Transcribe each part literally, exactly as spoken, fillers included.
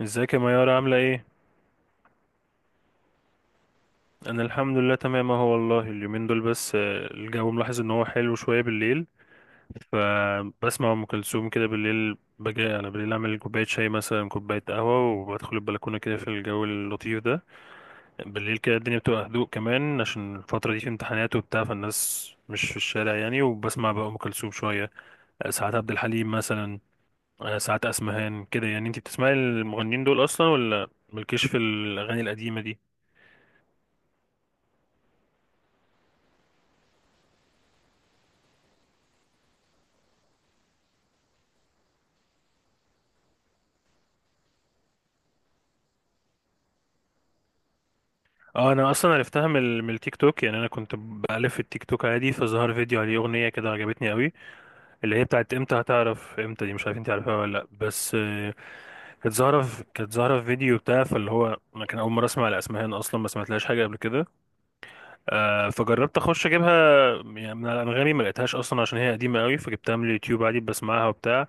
ازيك يا ميارة، عاملة ايه؟ انا الحمد لله تمام اهو، والله اليومين دول بس آه، الجو ملاحظ ان هو حلو شوية بالليل. فبسمع ام كلثوم كده بالليل، بجي انا بالليل اعمل كوباية شاي مثلا، كوباية قهوة، وبدخل البلكونة كده في الجو اللطيف ده. بالليل كده الدنيا بتبقى هدوء، كمان عشان الفترة دي في امتحانات وبتاع، فالناس مش في الشارع يعني، وبسمع بقى ام كلثوم شوية. آه، ساعات عبد الحليم مثلا. آه، ساعات اسمهان كده. يعني انتي بتسمعي المغنيين دول اصلا، ولا مالكيش في الاغاني القديمة دي؟ اه، انا اصلا عرفتها من ال- من التيك توك، يعني انا كنت بألف في التيك توك عادي، فظهر فيديو عليه اغنيه كده عجبتني قوي، اللي هي بتاعت امتى هتعرف، امتى دي مش عارف انت عارفها ولا لا، بس آه، كانت ظاهره في- كانت ظاهره في فيديو بتاع، فاللي هو انا كان اول مره اسمع الاسمهان اصلا، ما سمعتلهاش حاجه قبل كده. آه، فجربت اخش اجيبها، يعني من على انغامي ما لقيتهاش اصلا عشان هي قديمه قوي، فجبتها من اليوتيوب عادي، بسمعها وبتاع.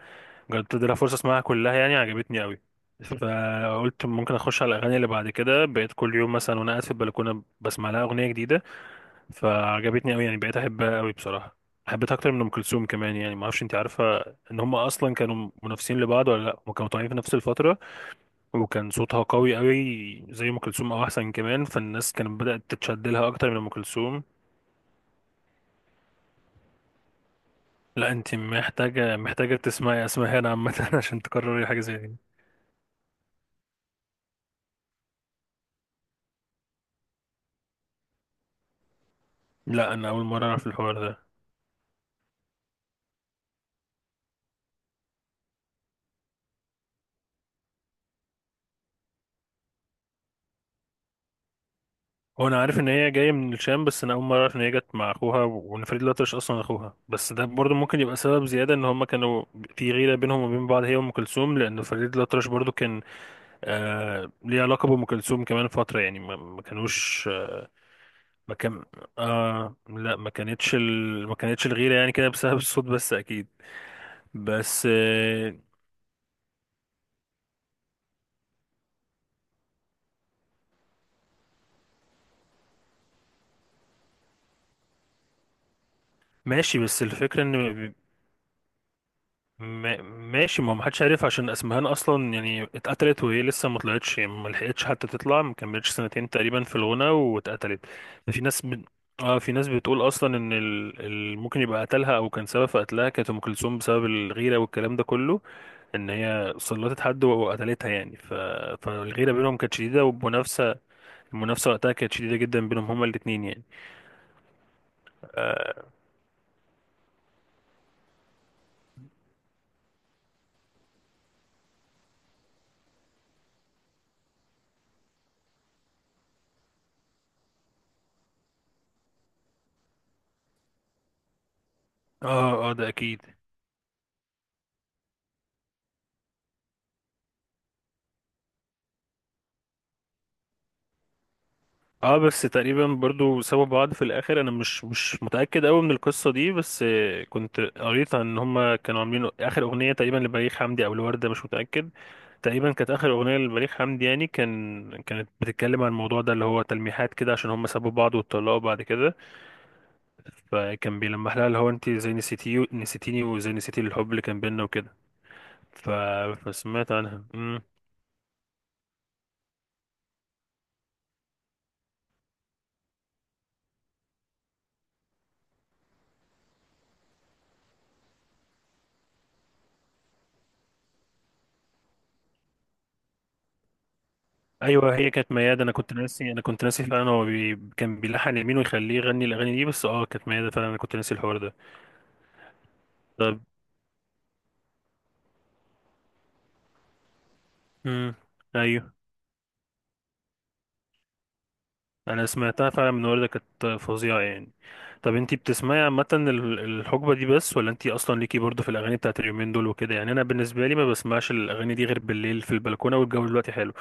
جربت ادي لها فرصه اسمعها كلها يعني، عجبتني قوي، فقلت ممكن اخش على الاغاني اللي بعد كده، بقيت كل يوم مثلا وانا قاعد في البلكونه بسمع لها اغنيه جديده. فعجبتني قوي يعني، بقيت احبها قوي بصراحه. حبيتها اكتر من ام كلثوم كمان، يعني ما اعرفش انت عارفه ان هم اصلا كانوا منافسين لبعض ولا لا. هم كانوا طالعين في نفس الفتره، وكان صوتها قوي قوي زي ام كلثوم او احسن كمان، فالناس كانت بدات تتشد لها اكتر من ام كلثوم. لا، انت محتاجه محتاجه تسمعي اسمهان عامه عشان تكرري حاجه زي دي. لا، انا اول مره اعرف الحوار ده. هو انا عارف ان هي جايه من الشام، بس انا اول مره اعرف ان هي جت مع اخوها وان فريد الأطرش اصلا اخوها، بس ده برضو ممكن يبقى سبب زياده ان هما كانوا في غيره بينهم وبين بعض، هي وام كلثوم، لان فريد الأطرش برضو كان آه ليه علاقه بام كلثوم كمان فتره، يعني ما ما كانوش، آه، ما كان. آه لا، ما كانتش ال... ما كانتش الغيره يعني كده بسبب الصوت بس، اكيد. بس آه ماشي، بس الفكره ان ما- ماشي، ما محدش عارف عشان اسمهان اصلا يعني اتقتلت وهي لسه ما طلعتش، يعني ما لحقتش حتى تطلع، ما كملتش سنتين تقريبا في الغنى واتقتلت. ففي ناس ب... اه، في ناس بتقول اصلا ان ال... ال... ممكن يبقى قتلها او كان سبب في قتلها كانت ام كلثوم، بسبب الغيره والكلام ده كله، ان هي سلطت حد وقتلتها يعني. ف... فالغيره بينهم كانت شديده، والمنافسه المنافسه وقتها كانت شديده جدا بينهم هما الاثنين يعني. اه اه، آه، ده اكيد. اه، بس تقريبا برضو سابوا بعض في الاخر، انا مش مش متاكد قوي من القصه دي، بس آه، كنت قريت ان هما كانوا عاملين اخر اغنيه تقريبا لبليغ حمدي او الورده، مش متاكد، تقريبا كانت اخر اغنيه لبليغ حمدي، يعني كان كانت بتتكلم عن الموضوع ده اللي هو تلميحات كده عشان هما سابوا بعض واتطلقوا بعد كده. فكان بيلمح لها اللي هو انت زي نسيتي نسيتيني، وزي نسيتي الحب اللي كان بينا وكده. ف... فسمعت عنها. ايوه، هي كانت ميادة، انا كنت ناسي، انا كنت ناسي فعلا. هو بي... كان بيلحن يمين ويخليه يغني الاغاني دي، بس اه كانت ميادة فعلا، انا كنت ناسي الحوار ده. طب. امم ايوه. انا سمعتها فعلا من وردة، كانت فظيعة يعني. طب انتي بتسمعي عامة ال- الحقبة دي بس، ولا انتي اصلا ليكي برضو في الاغاني بتاعت اليومين دول وكده؟ يعني انا بالنسبة لي ما بسمعش الاغاني دي غير بالليل في البلكونة، والجو دلوقتي حلو،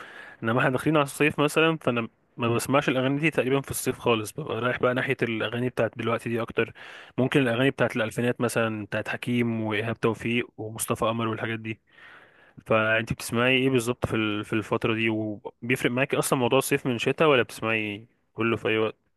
انما احنا داخلين على الصيف مثلا، فانا ما بسمعش الاغاني دي تقريبا في الصيف خالص، ببقى رايح بقى ناحية الاغاني بتاعت دلوقتي دي اكتر، ممكن الاغاني بتاعت الالفينات مثلا، بتاعت حكيم وايهاب توفيق ومصطفى قمر والحاجات دي. فانت بتسمعي ايه بالظبط في ال- في الفترة دي؟ وبيفرق معاكي اصلا موضوع الصيف من الشتاء، ولا بتسمعي كله في اي وقت؟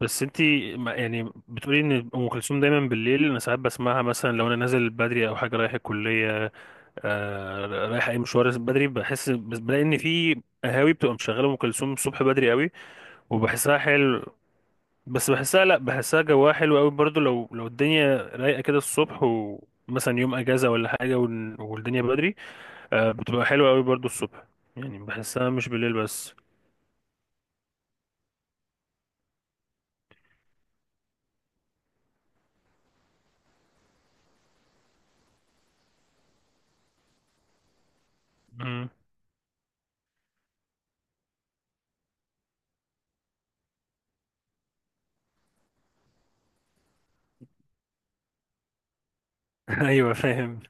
بس انت ما- يعني بتقولي ان ام كلثوم دايما بالليل، انا ساعات بسمعها مثلا لو انا نازل بدري او حاجه، رايح الكليه، آه رايح اي مشوار بدري، بحس، بس بلاقي ان في قهاوي بتبقى مشغله ام كلثوم الصبح بدري قوي، وبحسها حلو. بس بحسها، لا، بحسها جواها حلو قوي برضو، لو لو الدنيا رايقه كده الصبح ومثلا يوم اجازه ولا حاجه، وال- والدنيا بدري، آه، بتبقى حلوة قوي برضو الصبح. يعني بحسها مش بالليل بس. مم. ايوه، فاهم.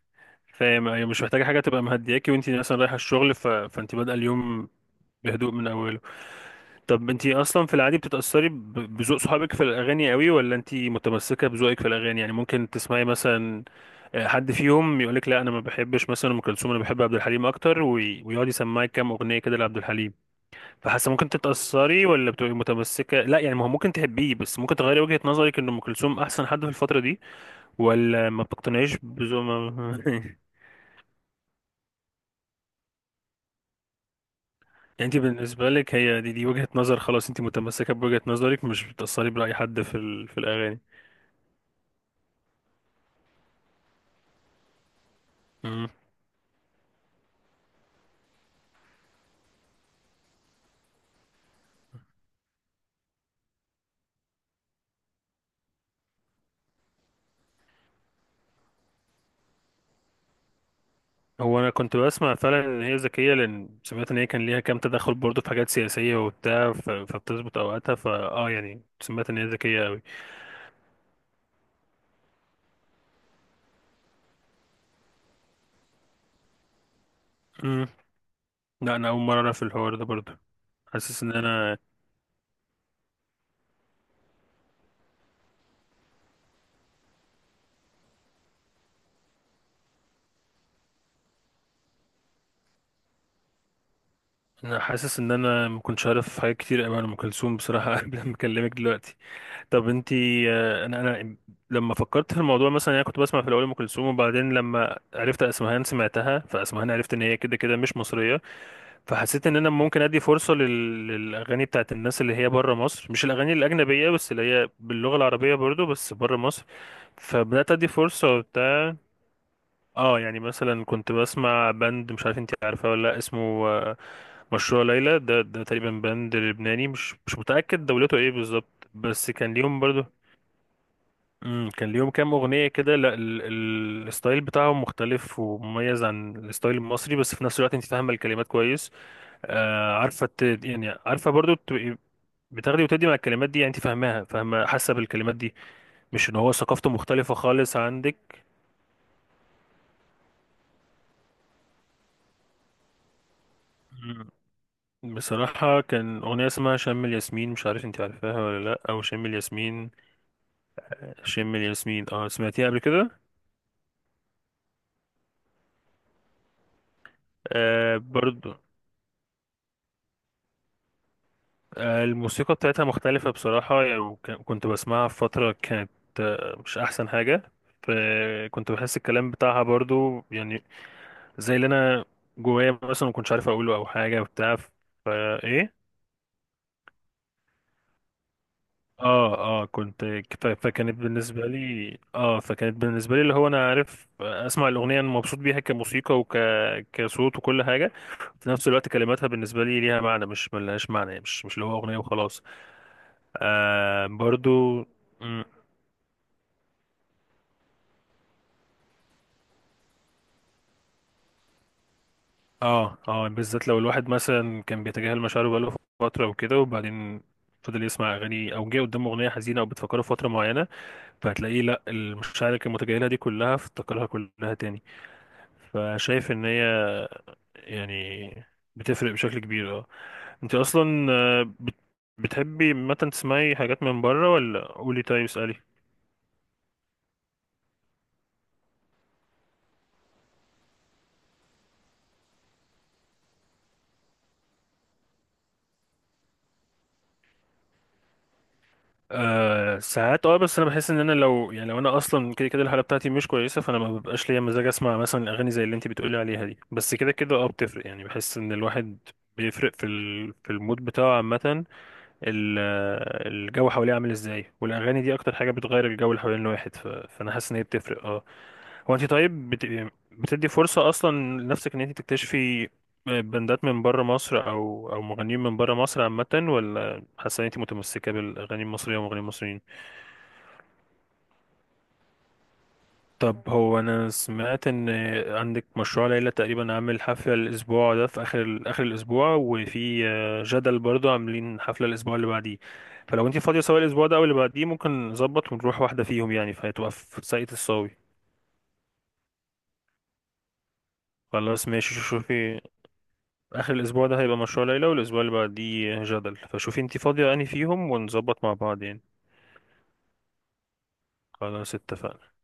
فاهم، ايوه، مش محتاجة حاجة تبقى مهدياكي وانتي مثلا رايحة الشغل، ف... فانتي بادئة اليوم بهدوء من اوله. طب انتي اصلا في العادي بتتأثري ب... بذوق صحابك في الاغاني قوي، ولا انتي متمسكة بذوقك في الاغاني؟ يعني ممكن تسمعي مثلا آه، حد فيهم يقولك لا انا ما بحبش مثلا ام كلثوم، انا بحب عبد الحليم اكتر، وي... ويقعد يسمعك كام اغنية كده لعبد الحليم، فحاسه ممكن تتأثري ولا بتبقي متمسكة؟ لا يعني، ما هو ممكن تحبيه، بس ممكن تغيري وجهة نظرك ان ام كلثوم احسن حد في الفترة دي، ولا ما بتقتنعيش بزو ما... يعني انت بالنسبة لك هي دي دي وجهة نظر خلاص، انت متمسكة بوجهة نظرك، مش بتأثري برأي حد في ال... في الأغاني. مم. هو انا كنت بسمع فعلا ان هي ذكية، لان سمعت ان هي كان ليها كام تدخل برضه في حاجات سياسية وبتاع، ف... فبتظبط اوقاتها، فاه يعني سمعت ان هي ذكية قوي. مم. لا، انا اول مرة اعرف الحوار ده برضه. حاسس ان انا انا حاسس ان انا ما كنتش عارف حاجات كتير قوي عن ام كلثوم بصراحه قبل ما اكلمك دلوقتي. طب انتي، آه، انا انا لما فكرت في الموضوع مثلا يعني، انا كنت بسمع في الاول ام كلثوم، وبعدين لما عرفت اسمهان سمعتها، فاسمهان عرفت ان هي كده كده مش مصريه، فحسيت ان انا ممكن ادي فرصه لل- للاغاني بتاعت الناس اللي هي بره مصر، مش الاغاني الاجنبيه بس، اللي هي باللغه العربيه برضو بس بره مصر، فبدات ادي فرصه وبتاع. اه، يعني مثلا كنت بسمع باند، مش عارف انتي عارفاه ولا لا، اسمه آه، مشروع ليلى. ده ده تقريبا باند لبناني، مش مش متأكد دولته ايه بالظبط، بس كان ليهم برضو، امم كان ليهم كام أغنية كده. لا، ال... ال... الستايل بتاعهم مختلف ومميز عن الستايل المصري، بس في نفس الوقت انت فاهمة الكلمات كويس، آه عارفة ت... يعني عارفة برضو تبقي بتاخدي وتدي مع الكلمات دي، يعني انت فاهماها، فاهمة، حاسة بالكلمات دي، مش ان هو ثقافته مختلفة خالص عندك. مم. بصراحة كان أغنية اسمها شم الياسمين، مش عارف انت عارفاها ولا لأ، أو شم الياسمين، شم الياسمين. اه، سمعتيها قبل كده؟ آه برضو، آه الموسيقى بتاعتها مختلفة بصراحة يعني، وك- كنت بسمعها في فترة كانت آه مش أحسن حاجة، فكنت بحس الكلام بتاعها برضو يعني زي اللي أنا جوايا مثلا ما كنتش عارف أقوله أو حاجة وبتاع. فإيه، اه اه، كنت ف- فكانت بالنسبة لي اه فكانت بالنسبة لي اللي هو أنا عارف أسمع الأغنية، أنا مبسوط بيها كموسيقى وك كصوت وكل حاجة، في نفس الوقت كلماتها بالنسبة لي ليها معنى، مش ملهاش معنى يعني، مش مش اللي هو أغنية وخلاص. آه برضو. مم، اه اه، بالذات لو الواحد مثلا كان بيتجاهل مشاعره بقاله فترة وكده، وبعدين فضل يسمع أغاني أو جه قدامه أغنية حزينة أو بتفكره في فترة معينة، فهتلاقيه لأ، المشاعر اللي كان متجاهلها دي كلها افتكرها كلها تاني، فشايف إن هي يعني بتفرق بشكل كبير، اه. أنت أصلا، آه، بت- بتحبي مثلا تسمعي حاجات من بره ولا؟ قولي، طيب اسألي. أه، ساعات، اه، بس انا بحس ان انا لو يعني لو انا اصلا كده كده الحاله بتاعتي مش كويسه، فانا ما ببقاش ليا مزاج اسمع مثلا اغاني زي اللي انت بتقولي عليها دي، بس كده كده اه بتفرق يعني، بحس ان الواحد بيفرق في ال... في المود بتاعه عامه، ال- الجو حواليه عامل ازاي، والاغاني دي اكتر حاجه بتغير الجو اللي حوالين الواحد، ف... فانا حاسس ان هي بتفرق، اه. هو انت طيب بت... بتدي فرصه اصلا لنفسك ان انت تكتشفي بندات من بره مصر او او مغنيين من بره مصر عامه، ولا حاسه ان انت متمسكه بالاغاني المصريه ومغنيين مصريين؟ طب، هو انا سمعت ان عندك مشروع ليلى تقريبا عامل حفلة الاسبوع ده في اخر اخر الاسبوع، وفي آه، جدل برضه عاملين حفلة الاسبوع اللي بعديه، فلو انت فاضية سواء الاسبوع ده او اللي بعديه ممكن نظبط ونروح واحدة فيهم يعني، فهتبقى في ساقية الصاوي. خلاص ماشي، شو- شوفي، اخر الاسبوع ده هيبقى مشروع ليلى والاسبوع اللي بعديه جدل، فشوفي انت فاضية انهي فيهم ونظبط مع بعض يعني. خلاص اتفقنا